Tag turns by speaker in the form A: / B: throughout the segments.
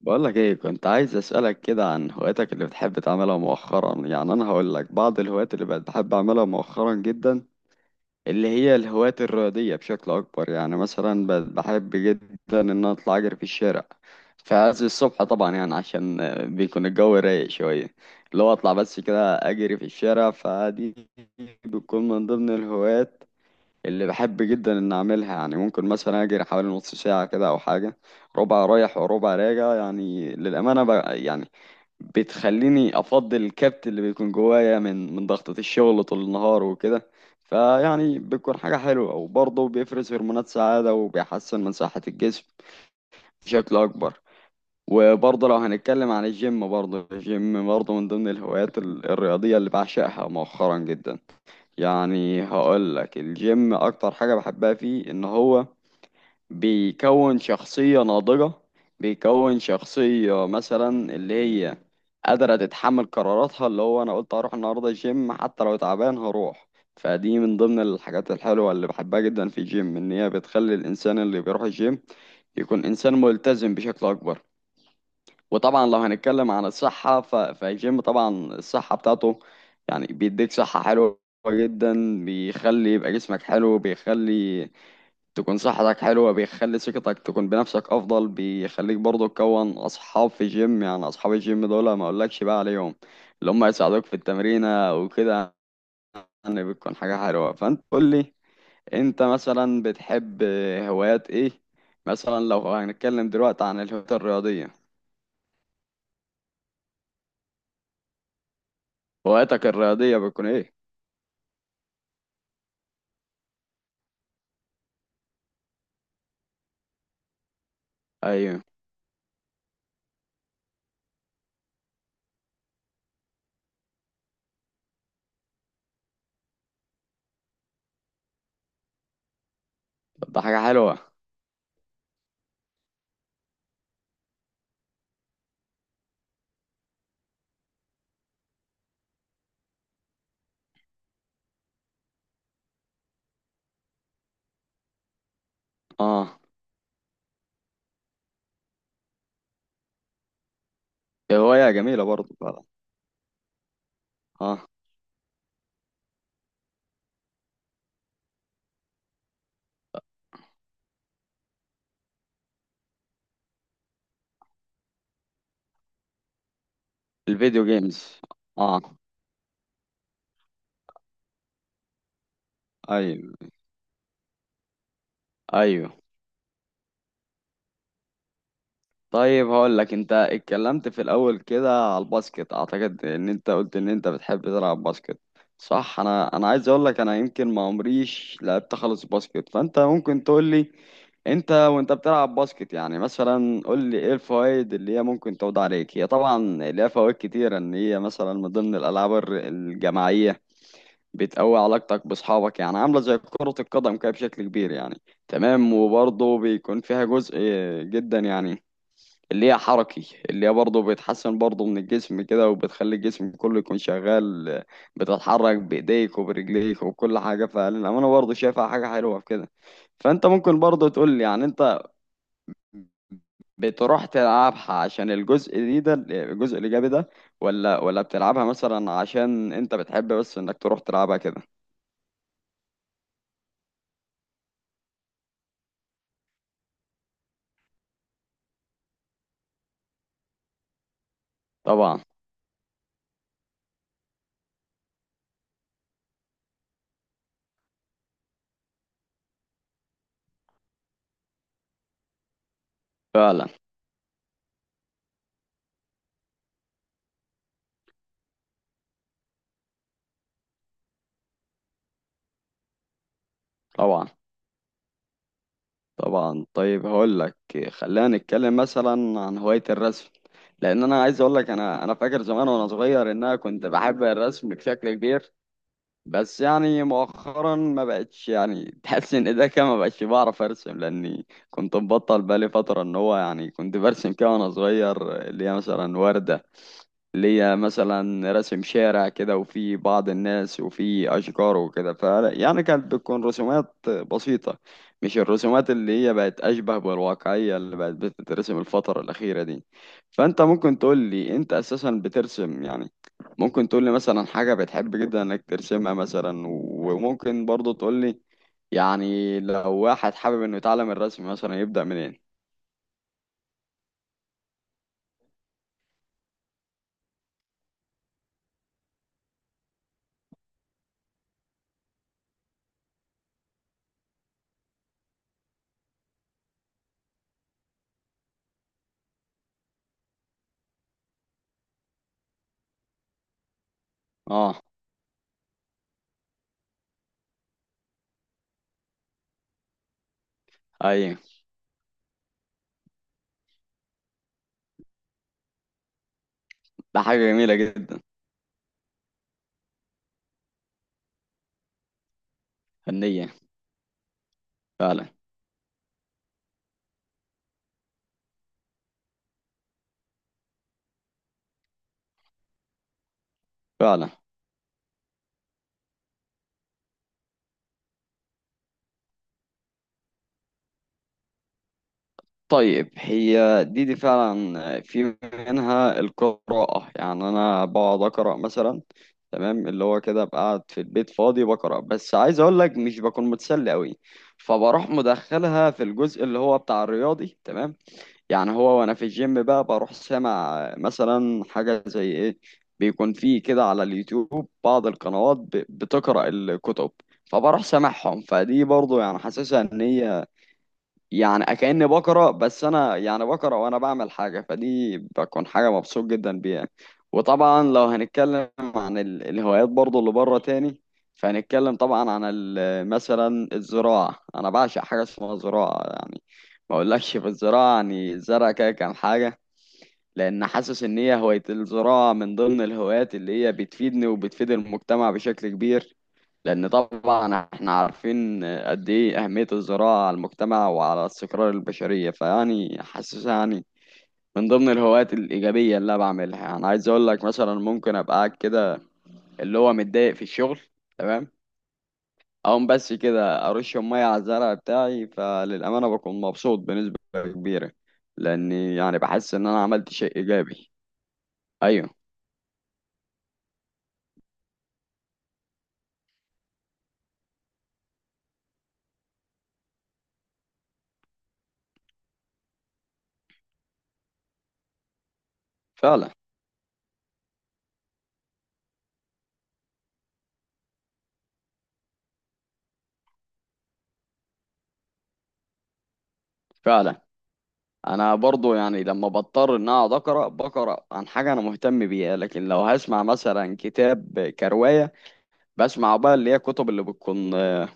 A: بقولك ايه، كنت عايز اسألك كده عن هواياتك اللي بتحب تعملها مؤخرا. يعني انا هقولك بعض الهوايات اللي بقت بحب اعملها مؤخرا جدا، اللي هي الهوايات الرياضية بشكل اكبر. يعني مثلا بقت بحب جدا ان انا اطلع اجري في الشارع في عز الصبح، طبعا يعني عشان بيكون الجو رايق شوية. اللي هو اطلع بس كده اجري في الشارع، فدي بتكون من ضمن الهوايات اللي بحب جدا ان اعملها. يعني ممكن مثلا اجري حوالي نص ساعة كده او حاجة، ربع رايح وربع راجع، يعني للأمانة بقى. يعني بتخليني افضل الكبت اللي بيكون جوايا من ضغطة الشغل طول النهار وكده، فيعني بتكون حاجة حلوة، وبرضه بيفرز هرمونات سعادة وبيحسن من صحة الجسم بشكل اكبر. وبرضه لو هنتكلم عن الجيم، برضه الجيم برضه من ضمن الهوايات الرياضية اللي بعشقها مؤخرا جدا. يعني هقول لك الجيم اكتر حاجة بحبها فيه ان هو بيكون شخصية ناضجة، بيكون شخصية مثلا اللي هي قادرة تتحمل قراراتها، اللي هو انا قلت هروح النهاردة الجيم حتى لو تعبان هروح. فدي من ضمن الحاجات الحلوة اللي بحبها جدا في الجيم، ان هي بتخلي الانسان اللي بيروح الجيم يكون انسان ملتزم بشكل اكبر. وطبعا لو هنتكلم عن الصحة فالجيم طبعا الصحة بتاعته، يعني بيديك صحة حلوة جدا، بيخلي يبقى جسمك حلو، بيخلي تكون صحتك حلوة، بيخلي ثقتك تكون بنفسك أفضل، بيخليك برضه تكون أصحاب في الجيم. يعني أصحاب الجيم دول ما أقولكش بقى عليهم، اللي هم يساعدوك في التمرينة وكده. يعني بتكون حاجة حلوة. فأنت قول لي، أنت مثلا بتحب هوايات إيه؟ مثلا لو هنتكلم دلوقتي عن الهوايات الرياضية، هواياتك الرياضية بتكون إيه؟ ايوه. طب ده حاجة حلوة. اه. هواية جميلة برضه فعلا. اه. الفيديو جيمز. اه. ايوه. ايوه. طيب هقول لك، انت اتكلمت في الاول كده على الباسكت، اعتقد ان انت قلت ان انت بتحب تلعب باسكت، صح. انا عايز اقول لك انا يمكن ما عمريش لعبت خالص باسكت، فانت ممكن تقول لي، انت وانت بتلعب باسكت يعني مثلا قول لي ايه الفوائد اللي هي ممكن تعود عليك. هي طبعا ليها فوائد كتيرة، ان هي مثلا من ضمن الالعاب الجماعية، بتقوي علاقتك بأصحابك يعني، عاملة زي كرة القدم كده بشكل كبير يعني. تمام. وبرضه بيكون فيها جزء جدا يعني، اللي هي حركي، اللي هي برضه بتحسن برضه من الجسم كده، وبتخلي الجسم كله يكون شغال، بتتحرك بإيديك وبرجليك وكل حاجة. فالأمانة برضه شايفها حاجة حلوة في كده. فأنت ممكن برضه تقول لي يعني، أنت بتروح تلعبها عشان الجزء دي ده الجزء الإيجابي ده، ولا بتلعبها مثلا عشان أنت بتحب بس إنك تروح تلعبها كده. طبعا. فعلا. طبعا. طبعا. طيب هقول لك، خلينا نتكلم مثلا عن هواية الرسم، لان انا عايز اقول لك انا فاكر زمان وانا صغير ان انا كنت بحب الرسم بشكل كبير، بس يعني مؤخرا ما بقتش يعني تحس ان ده كده ما بقتش بعرف ارسم لاني كنت مبطل بقالي فترة. ان هو يعني كنت برسم كده وانا صغير، اللي هي مثلا وردة ليا، مثلا رسم شارع كده وفي بعض الناس وفي أشجار وكده، ف يعني كانت بتكون رسومات بسيطة، مش الرسومات اللي هي بقت أشبه بالواقعية اللي بقت بتترسم الفترة الأخيرة دي. فأنت ممكن تقول لي، أنت أساسا بترسم يعني، ممكن تقول لي مثلا حاجة بتحب جدا إنك ترسمها مثلا، وممكن برضه تقول لي، يعني لو واحد حابب إنه يتعلم الرسم مثلا يبدأ منين؟ آه. أيوة. ده حاجة جميلة جدا. فنية. فعلا. فعلا. طيب. هي دي فعلا، في منها القراءة. يعني أنا بقعد أقرأ مثلا، تمام، اللي هو كده بقعد في البيت فاضي بقرأ، بس عايز أقول لك مش بكون متسلي أوي، فبروح مدخلها في الجزء اللي هو بتاع الرياضي تمام. يعني هو وأنا في الجيم بقى بروح سامع مثلا حاجة زي إيه، بيكون فيه كده على اليوتيوب بعض القنوات بتقرأ الكتب، فبروح سامعهم. فدي برضه يعني حاسسها إن هي يعني كأني بقرا، بس انا يعني بقرا وانا بعمل حاجه، فدي بكون حاجه مبسوط جدا بيها. وطبعا لو هنتكلم عن الهوايات برضو اللي بره تاني، فهنتكلم طبعا عن مثلا الزراعه، انا بعشق حاجه اسمها زراعه يعني، ما اقولكش في الزراعه، يعني الزرع كده كام حاجه، لان حاسس ان هي هوايه الزراعه من ضمن الهوايات اللي هي بتفيدني وبتفيد المجتمع بشكل كبير. لأن طبعا احنا عارفين قد ايه أهمية الزراعة على المجتمع وعلى استقرار البشرية، فيعني حاسسها يعني من ضمن الهوايات الإيجابية اللي أنا بعملها. يعني عايز أقول لك مثلا ممكن أبقى قاعد كده اللي هو متضايق في الشغل، تمام، أقوم بس كده أرش مية على الزرع بتاعي، فللأمانة بكون مبسوط بنسبة كبيرة، لأني يعني بحس إن أنا عملت شيء إيجابي. أيوه. فعلا. فعلا. انا برضو يعني لما بضطر ان اقعد اقرا بقرا عن حاجه انا مهتم بيها، لكن لو هسمع مثلا كتاب كروايه، بسمع بقى اللي هي كتب اللي بتكون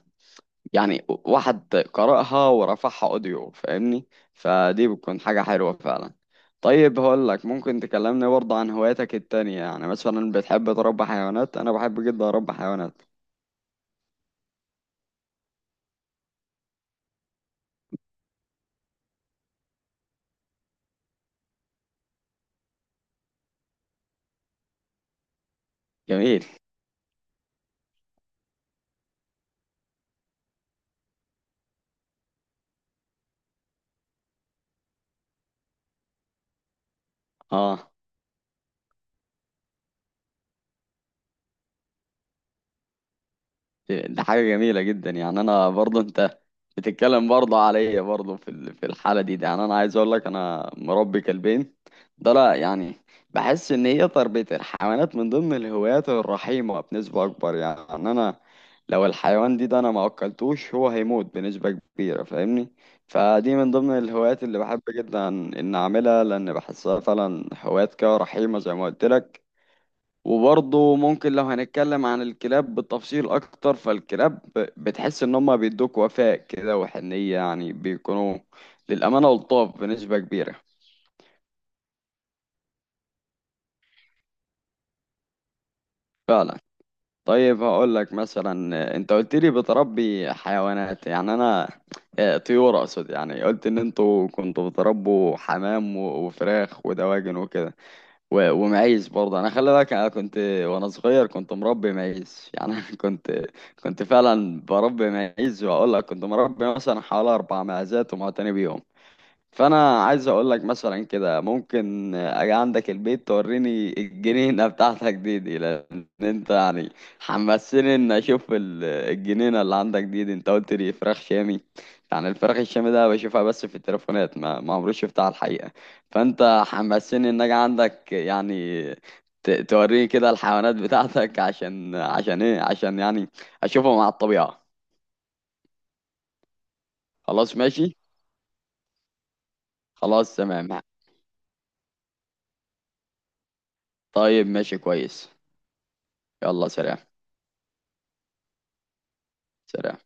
A: يعني واحد قرأها ورفعها اوديو، فاهمني؟ فدي بتكون حاجه حلوه فعلا. طيب هقول لك، ممكن تكلمني برضه عن هواياتك التانية؟ يعني مثلا بتحب تربي حيوانات؟ انا بحب جدا اربي حيوانات. جميل. اه. دي حاجة جميلة جدا. يعني أنا برضه أنت بتتكلم برضه عليا برضه في في الحالة دي، يعني أنا عايز أقول لك أنا مربي كلبين ده. لا يعني بحس إن هي تربية الحيوانات من ضمن الهوايات الرحيمة بنسبة أكبر. يعني أنا لو الحيوان دي ده أنا ما أكلتوش هو هيموت بنسبة كبيرة، فاهمني؟ فدي من ضمن الهوايات اللي بحب جدا إن أعملها، لأن بحسها فعلا هوايات كده رحيمة زي ما قلت لك. وبرضه ممكن لو هنتكلم عن الكلاب بالتفصيل اكتر، فالكلاب بتحس ان هم بيدوك وفاء كده وحنية، يعني بيكونوا للامانة لطاف بنسبة كبيرة. فعلا. طيب هقول لك مثلا، انت قلت لي بتربي حيوانات يعني انا، طيور اقصد، يعني قلت ان انتوا كنتوا بتربوا حمام وفراخ ودواجن وكده ومعيز برضه، انا خلي بالك انا كنت وانا صغير كنت مربي معيز يعني أنا كنت فعلا بربي معيز، واقول لك كنت مربي مثلا حوالي اربع معزات ومعتني بيهم. فانا عايز اقول لك مثلا كده ممكن اجي عندك البيت توريني الجنينه بتاعتك دي لان انت يعني حمسني ان اشوف الجنينه اللي عندك دي. انت قلت لي فراخ شامي، يعني الفراخ الشامي ده بشوفها بس في التليفونات، ما عمري شفتها على الحقيقه، فانت حمسني ان اجي عندك يعني توريني كده الحيوانات بتاعتك، عشان عشان ايه، عشان يعني اشوفهم على الطبيعه. خلاص ماشي. خلاص تمام. طيب ماشي كويس. يلا سلام. سلام.